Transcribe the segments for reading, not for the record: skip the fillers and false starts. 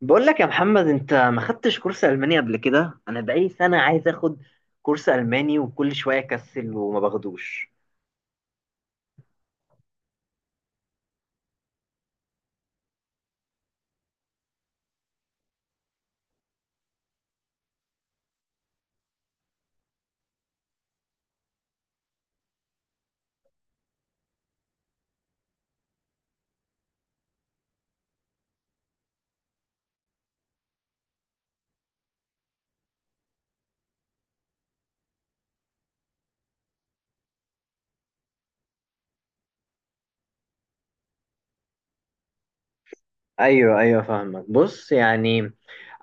بقول لك يا محمد، انت ما خدتش كورس الماني قبل كده. انا بقالي سنه عايز اخد كورس الماني وكل شويه اكسل وما باخدوش. ايوه ايوه فاهمك. بص يعني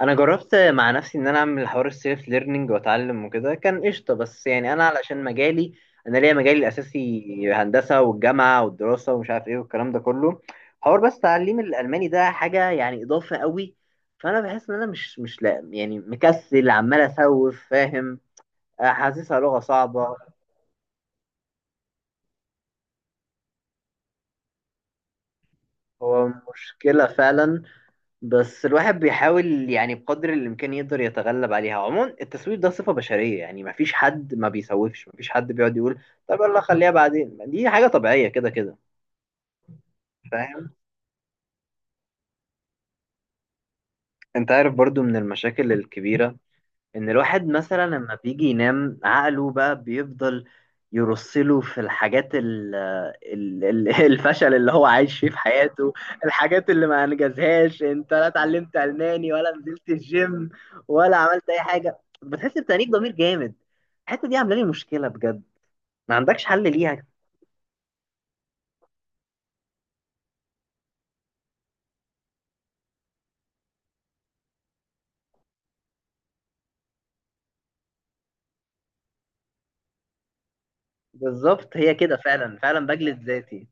انا جربت مع نفسي ان انا اعمل حوار السيلف ليرنينج واتعلم وكده كان قشطه، بس يعني انا علشان مجالي، انا ليا مجالي الاساسي هندسه والجامعه والدراسه ومش عارف ايه والكلام ده كله، حوار. بس تعليم الالماني ده حاجه يعني اضافه قوي. فانا بحس ان انا مش لا يعني مكسل عمال اسوف، فاهم؟ حاسسها لغة صعبة. هو مشكلة فعلا، بس الواحد بيحاول يعني بقدر الإمكان يقدر يتغلب عليها. عموما التسويف ده صفة بشرية، يعني مفيش حد ما بيسوفش، مفيش حد بيقعد يقول طب يلا خليها بعدين. دي حاجة طبيعية كده كده. فاهم. أنت عارف برضو من المشاكل الكبيرة ان الواحد مثلا لما بيجي ينام عقله بقى بيفضل يرسله في الحاجات الفشل اللي هو عايش فيه في حياته، الحاجات اللي ما انجزهاش. انت لا اتعلمت الماني ولا نزلت الجيم ولا عملت اي حاجه، بتحس بتأنيب ضمير جامد. الحته دي عامله لي مشكله بجد، ما عندكش حل ليها؟ بالظبط، هي كده فعلا، فعلا بجلد ذاتي.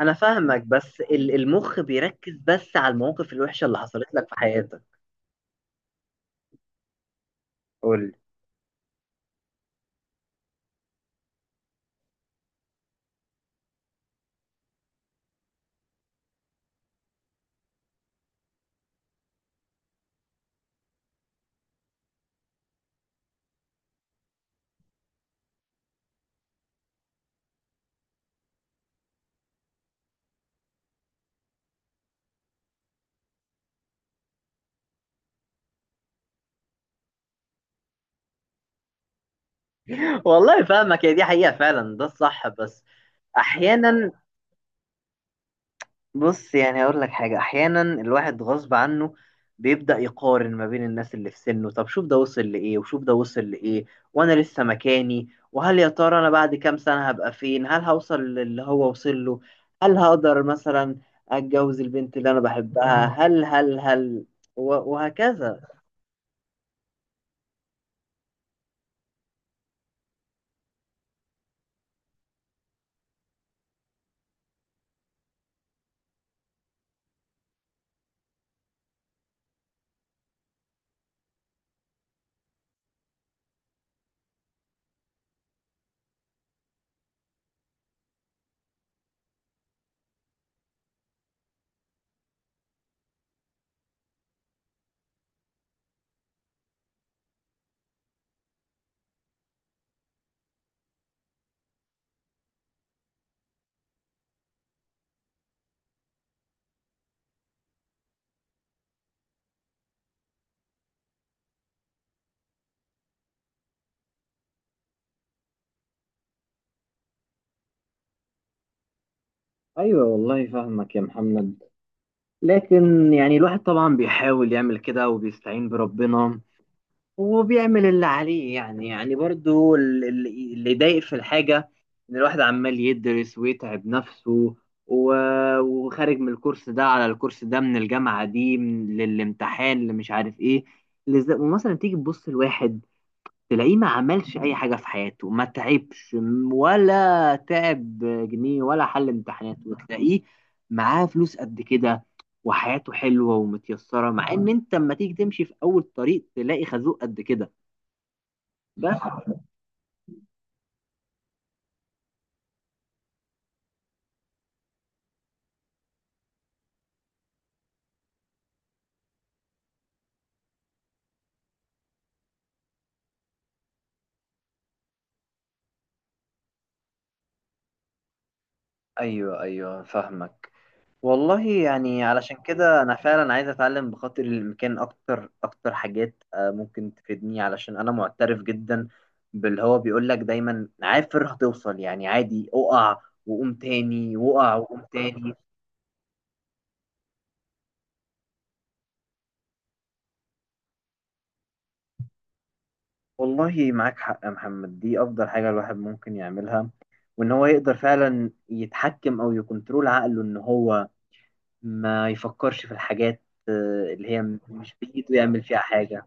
انا فاهمك، بس المخ بيركز بس على المواقف الوحشه اللي حصلت لك في حياتك. قول. والله فاهمك، هي دي حقيقة فعلا، ده الصح. بس أحيانا، بص يعني أقول لك حاجة، أحيانا الواحد غصب عنه بيبدأ يقارن ما بين الناس اللي في سنه. طب شوف ده وصل لإيه وشوف ده وصل لإيه وأنا لسه مكاني، وهل يا ترى أنا بعد كام سنة هبقى فين؟ هل هوصل للي هو وصل له؟ هل هقدر مثلا أتجوز البنت اللي أنا بحبها؟ هل وهكذا. ايوه والله فاهمك يا محمد، لكن يعني الواحد طبعا بيحاول يعمل كده وبيستعين بربنا وبيعمل اللي عليه، يعني يعني برضو اللي يضايق في الحاجة، إن الواحد عمال يدرس ويتعب نفسه و- وخارج من الكورس ده على الكورس ده، من الجامعة دي، من للامتحان اللي مش عارف إيه، ومثلا تيجي تبص لواحد تلاقيه ما عملش أي حاجة في حياته، ما تعبش ولا تعب جنيه ولا حل امتحاناته، وتلاقيه معاه فلوس قد كده وحياته حلوة ومتيسرة، مع إن أنت لما تيجي تمشي في أول طريق تلاقي خازوق قد كده. ده ايوه ايوه فاهمك. والله يعني علشان كده انا فعلا عايز اتعلم بخاطر المكان اكتر، اكتر حاجات ممكن تفيدني، علشان انا معترف جدا باللي هو بيقول لك دايما عافر هتوصل. يعني عادي اقع وقوم تاني، واقع وقوم تاني. والله معاك حق يا محمد، دي افضل حاجة الواحد ممكن يعملها، وان هو يقدر فعلا يتحكم او يكنترول عقله ان هو ما يفكرش في الحاجات اللي هي مش بايده يعمل فيها حاجة.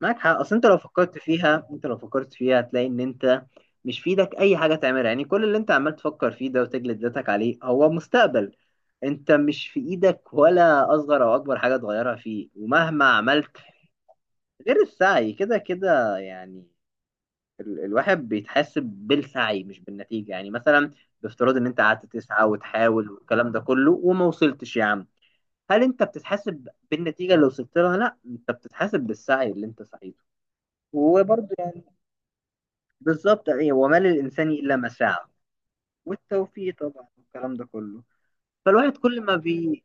معاك حق، اصل انت لو فكرت فيها، انت لو فكرت فيها هتلاقي ان انت مش في ايدك اي حاجه تعملها. يعني كل اللي انت عمال تفكر فيه ده وتجلد ذاتك عليه هو مستقبل انت مش في ايدك ولا اصغر او اكبر حاجه تغيرها فيه، ومهما عملت غير السعي كده كده يعني. الواحد بيتحاسب بالسعي مش بالنتيجه. يعني مثلا بافتراض ان انت قعدت تسعى وتحاول والكلام ده كله وما وصلتش يا عم، هل انت بتتحاسب بالنتيجه اللي وصلت لها؟ لا، انت بتتحاسب بالسعي اللي انت سعيته. وبرضه يعني بالظبط، ايه، وما للانسان الا ما سعى. والتوفيق طبعا والكلام ده كله. فالواحد كل ما بي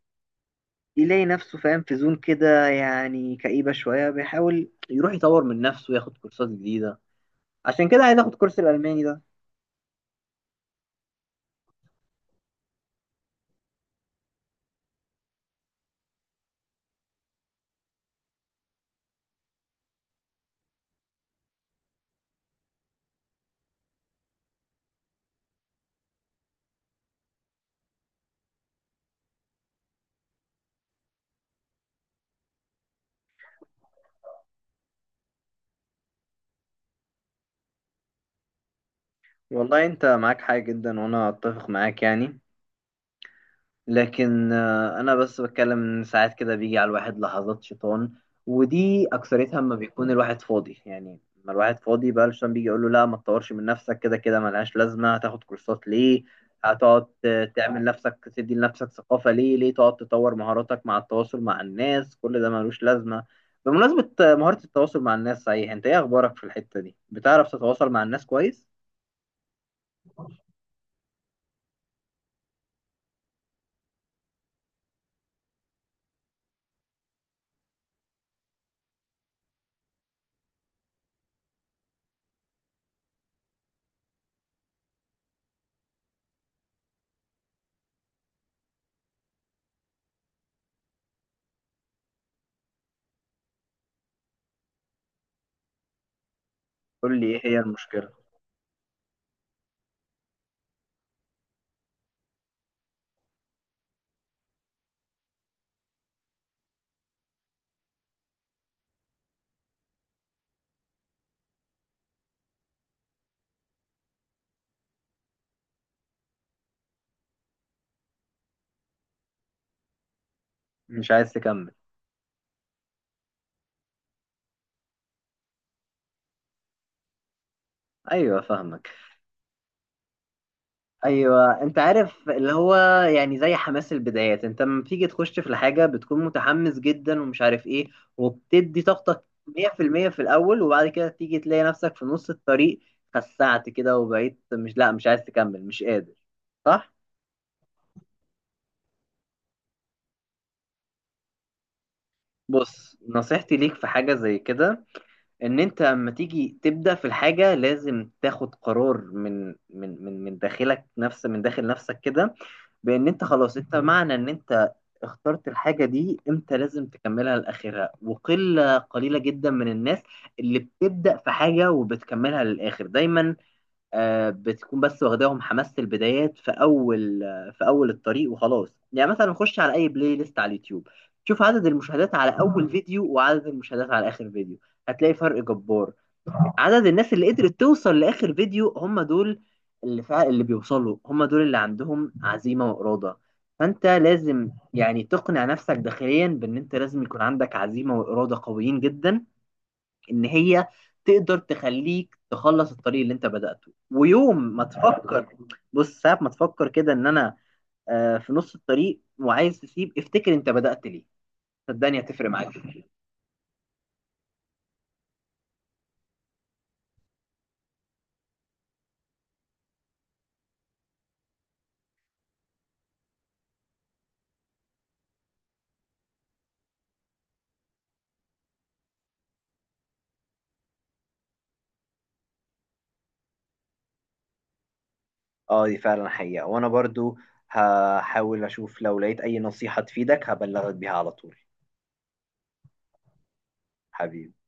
يلاقي نفسه، فاهم، في زون كده يعني كئيبه شويه، بيحاول يروح يطور من نفسه وياخد كورسات جديده. عشان كده عايز اخد كورس الالماني ده. والله انت معاك حاجه جدا وانا اتفق معاك يعني، لكن انا بس بتكلم ان ساعات كده بيجي على الواحد لحظات شيطان، ودي اكثرتها لما بيكون الواحد فاضي. يعني لما الواحد فاضي بقى الشيطان بيجي يقول له لا ما تطورش من نفسك، كده كده ملهاش لازمه. هتاخد كورسات ليه؟ هتقعد تعمل نفسك تدي لنفسك ثقافه ليه؟ ليه تقعد تطور مهاراتك مع التواصل مع الناس؟ كل ده ملوش لازمه. بمناسبه مهاره التواصل مع الناس، صحيح انت ايه اخبارك في الحته دي؟ بتعرف تتواصل مع الناس كويس؟ قول لي ايه هي المشكله. مش عايز تكمل. ايوه فاهمك. ايوه انت عارف اللي هو، يعني زي حماس البدايات. انت لما بتيجي تخش في الحاجه بتكون متحمس جدا ومش عارف ايه، وبتدي طاقتك 100% في المية في الاول، وبعد كده تيجي تلاقي نفسك في نص الطريق، خسعت كده وبقيت مش لا مش عايز تكمل، مش قادر. صح. بص نصيحتي ليك في حاجه زي كده، ان انت اما تيجي تبدأ في الحاجة لازم تاخد قرار من داخل نفسك كده، بان انت خلاص، انت معنى ان انت اخترت الحاجة دي انت لازم تكملها لاخرها. وقلة قليلة جدا من الناس اللي بتبدأ في حاجة وبتكملها للاخر. دايما بتكون بس واخداهم حماس البدايات في اول، في اول الطريق وخلاص. يعني مثلا خش على اي بلاي ليست على اليوتيوب، شوف عدد المشاهدات على اول فيديو وعدد المشاهدات على اخر فيديو، هتلاقي فرق جبار. عدد الناس اللي قدرت توصل لاخر فيديو هم دول اللي فعلا اللي بيوصلوا، هم دول اللي عندهم عزيمة وإرادة. فانت لازم يعني تقنع نفسك داخليا بان انت لازم يكون عندك عزيمة وإرادة قويين جدا، ان هي تقدر تخليك تخلص الطريق اللي انت بدأته. ويوم ما تفكر، بص ساعة ما تفكر كده ان انا في نص الطريق وعايز تسيب، افتكر انت بدأت ليه. صدقني هتفرق معاك. اه دي فعلا حقيقة، وانا برضو هحاول اشوف لو لقيت اي نصيحة تفيدك هبلغك بيها على طول. حبيبي.